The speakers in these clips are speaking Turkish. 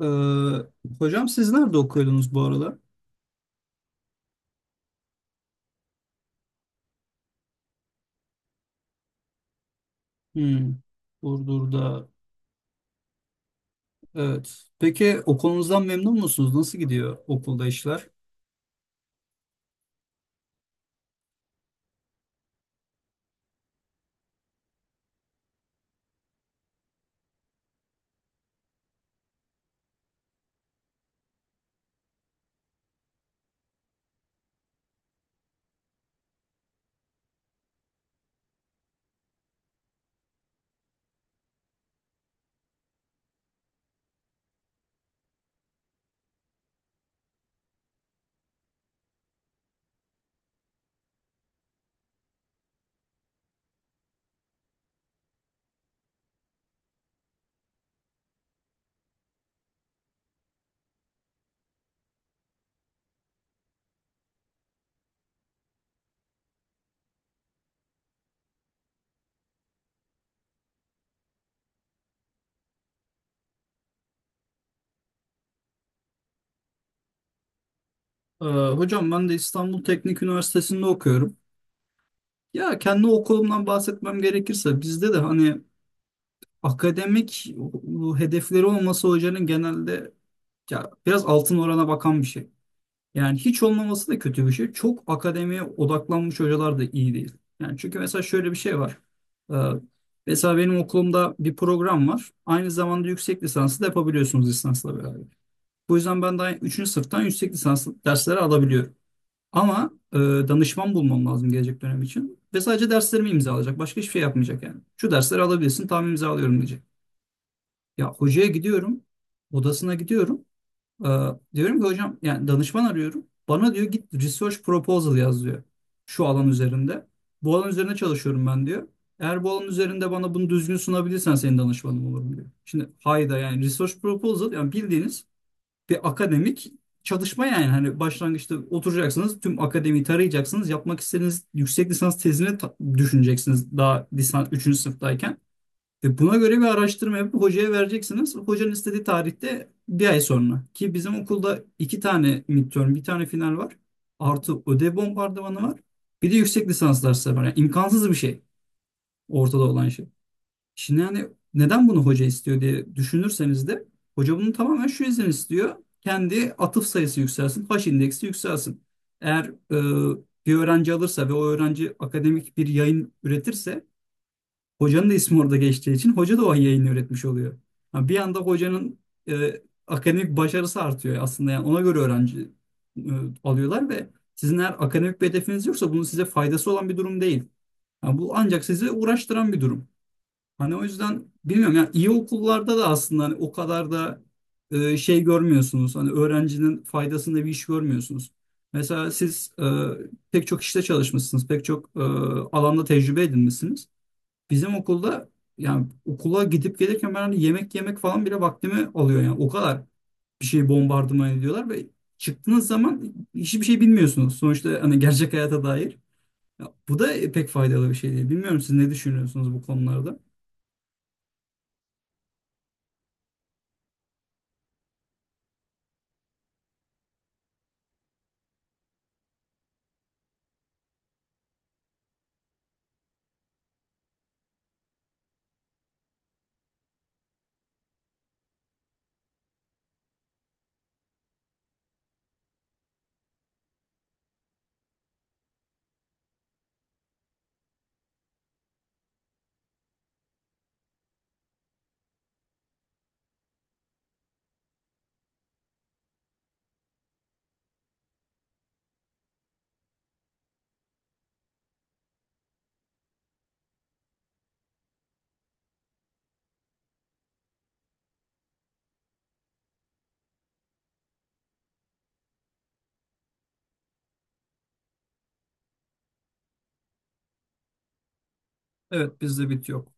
Ee, Hocam siz nerede okuyordunuz bu aralar? Hmm, Burdur'da. Evet. Peki okulunuzdan memnun musunuz? Nasıl gidiyor okulda işler? Hocam ben de İstanbul Teknik Üniversitesi'nde okuyorum. Ya kendi okulumdan bahsetmem gerekirse bizde de hani akademik hedefleri olması hocanın genelde ya biraz altın orana bakan bir şey. Yani hiç olmaması da kötü bir şey. Çok akademiye odaklanmış hocalar da iyi değil. Yani çünkü mesela şöyle bir şey var. Ee, Mesela benim okulumda bir program var. Aynı zamanda yüksek lisansı da yapabiliyorsunuz lisansla beraber. Bu yüzden ben daha 3. sınıftan yüksek lisans dersleri alabiliyorum. Ama danışman bulmam lazım gelecek dönem için. Ve sadece derslerimi imzalayacak. Başka hiçbir şey yapmayacak yani. Şu dersleri alabilirsin, tamam imzalıyorum diyecek. Ya hocaya gidiyorum, odasına gidiyorum. Ee, Diyorum ki hocam yani danışman arıyorum. Bana diyor git research proposal yaz diyor. Şu alan üzerinde. Bu alan üzerine çalışıyorum ben diyor. Eğer bu alan üzerinde bana bunu düzgün sunabilirsen senin danışmanım olurum diyor. Şimdi hayda yani research proposal yani bildiğiniz bir akademik çalışma yani. Hani başlangıçta oturacaksınız tüm akademiyi tarayacaksınız. Yapmak istediğiniz yüksek lisans tezini düşüneceksiniz daha lisans üçüncü sınıftayken. E buna göre bir araştırma yapıp hocaya vereceksiniz. Hocanın istediği tarihte bir ay sonra. Ki bizim okulda iki tane midterm, bir tane final var. Artı ödev bombardımanı var. Bir de yüksek lisans dersleri var. Yani imkansız bir şey ortada olan şey. Şimdi yani neden bunu hoca istiyor diye düşünürseniz de hoca bunu tamamen şu yüzden istiyor. Kendi atıf sayısı yükselsin, H indeksi yükselsin. Eğer bir öğrenci alırsa ve o öğrenci akademik bir yayın üretirse hocanın da ismi orada geçtiği için hoca da o yayını üretmiş oluyor. Ha, bir anda hocanın e, akademik başarısı artıyor aslında. Yani ona göre öğrenci e, alıyorlar ve sizin eğer akademik bir hedefiniz yoksa bunun size faydası olan bir durum değil. Ha, bu ancak sizi uğraştıran bir durum. Hani o yüzden bilmiyorum yani iyi okullarda da aslında hani o kadar da şey görmüyorsunuz. Hani öğrencinin faydasında bir iş görmüyorsunuz. Mesela siz pek çok işte çalışmışsınız, pek çok alanda tecrübe edinmişsiniz. Bizim okulda yani okula gidip gelirken ben hani yemek yemek falan bile vaktimi alıyor yani o kadar bir şey bombardıman ediyorlar ve çıktığınız zaman hiçbir şey bilmiyorsunuz sonuçta hani gerçek hayata dair. Ya bu da pek faydalı bir şey değil. Bilmiyorum siz ne düşünüyorsunuz bu konularda? Evet, bizde bit yok.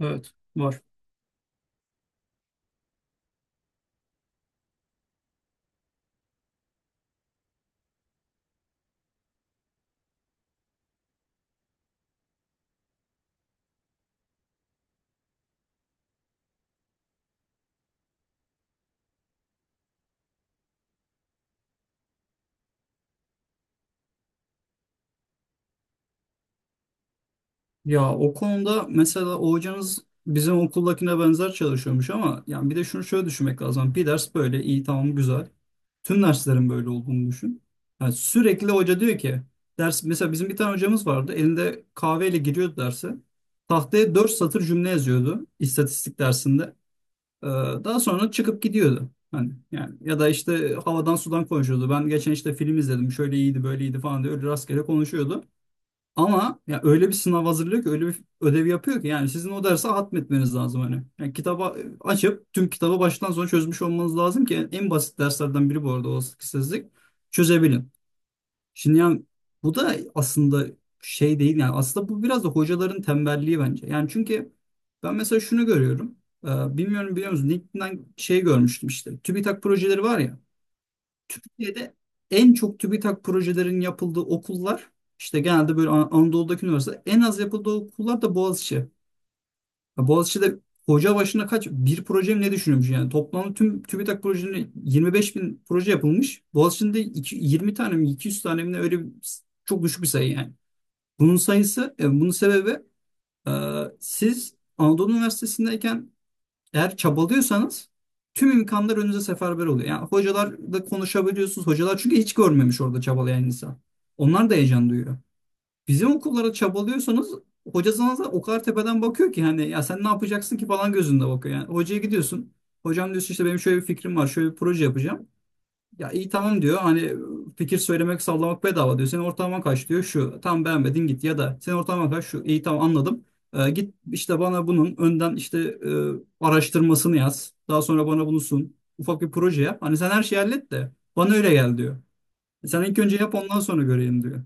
Evet, var. Ya o konuda mesela o hocanız bizim okuldakine benzer çalışıyormuş ama yani bir de şunu şöyle düşünmek lazım. Bir ders böyle iyi tamam güzel. Tüm derslerin böyle olduğunu düşün. Yani sürekli hoca diyor ki ders mesela bizim bir tane hocamız vardı. Elinde kahveyle giriyordu derse. Tahtaya 4 satır cümle yazıyordu istatistik dersinde. Ee, Daha sonra çıkıp gidiyordu. Hani yani ya da işte havadan sudan konuşuyordu. Ben geçen işte film izledim. Şöyle iyiydi, böyle iyiydi falan diye öyle rastgele konuşuyordu. Ama ya öyle bir sınav hazırlıyor ki öyle bir ödev yapıyor ki yani sizin o dersi hatmetmeniz lazım hani. Yani kitaba açıp tüm kitabı baştan sona çözmüş olmanız lazım ki en basit derslerden biri bu arada olasılıksızlık çözebilin. Şimdi yani bu da aslında şey değil yani aslında bu biraz da hocaların tembelliği bence. Yani çünkü ben mesela şunu görüyorum. Bilmiyorum biliyor musun? LinkedIn'den şey görmüştüm işte. TÜBİTAK projeleri var ya. Türkiye'de en çok TÜBİTAK projelerin yapıldığı okullar işte genelde böyle Anadolu'daki üniversite en az yapıldığı okullar da Boğaziçi. Ya Boğaziçi'de hoca başına kaç bir proje mi ne düşünüyormuş yani toplam tüm TÜBİTAK projeleri 25 bin proje yapılmış. Boğaziçi'nde 20 tane mi 200 tane mi ne öyle bir, çok düşük bir sayı yani. Bunun sayısı bunun sebebi e, siz Anadolu Üniversitesi'ndeyken eğer çabalıyorsanız tüm imkanlar önünüze seferber oluyor. Yani hocalarla konuşabiliyorsunuz. Hocalar çünkü hiç görmemiş orada çabalayan insan. Onlar da heyecan duyuyor. Bizim okullara çabalıyorsanız hoca sana da o kadar tepeden bakıyor ki hani ya sen ne yapacaksın ki falan gözünde bakıyor. Yani hocaya gidiyorsun. Hocam diyorsun işte benim şöyle bir fikrim var. Şöyle bir proje yapacağım. Ya iyi tamam diyor. Hani fikir söylemek sallamak bedava diyor. Senin ortalaman kaç diyor. Şu tam beğenmedin git ya da senin ortalaman kaç şu iyi tamam anladım. Git işte bana bunun önden işte araştırmasını yaz. Daha sonra bana bunu sun. Ufak bir proje yap. Hani sen her şeyi hallet de bana öyle gel diyor. Sen ilk önce yap ondan sonra göreyim diyor.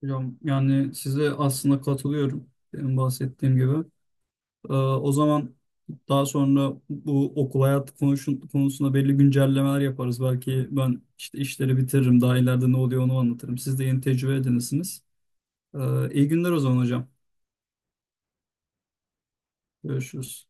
Hocam yani size aslında katılıyorum. Benim bahsettiğim gibi. O zaman daha sonra bu okul hayatı konuşun, konusunda belli güncellemeler yaparız. Belki ben işte işleri bitiririm. Daha ileride ne oluyor onu anlatırım. Siz de yeni tecrübe edinirsiniz. İyi günler o zaman hocam. Görüşürüz.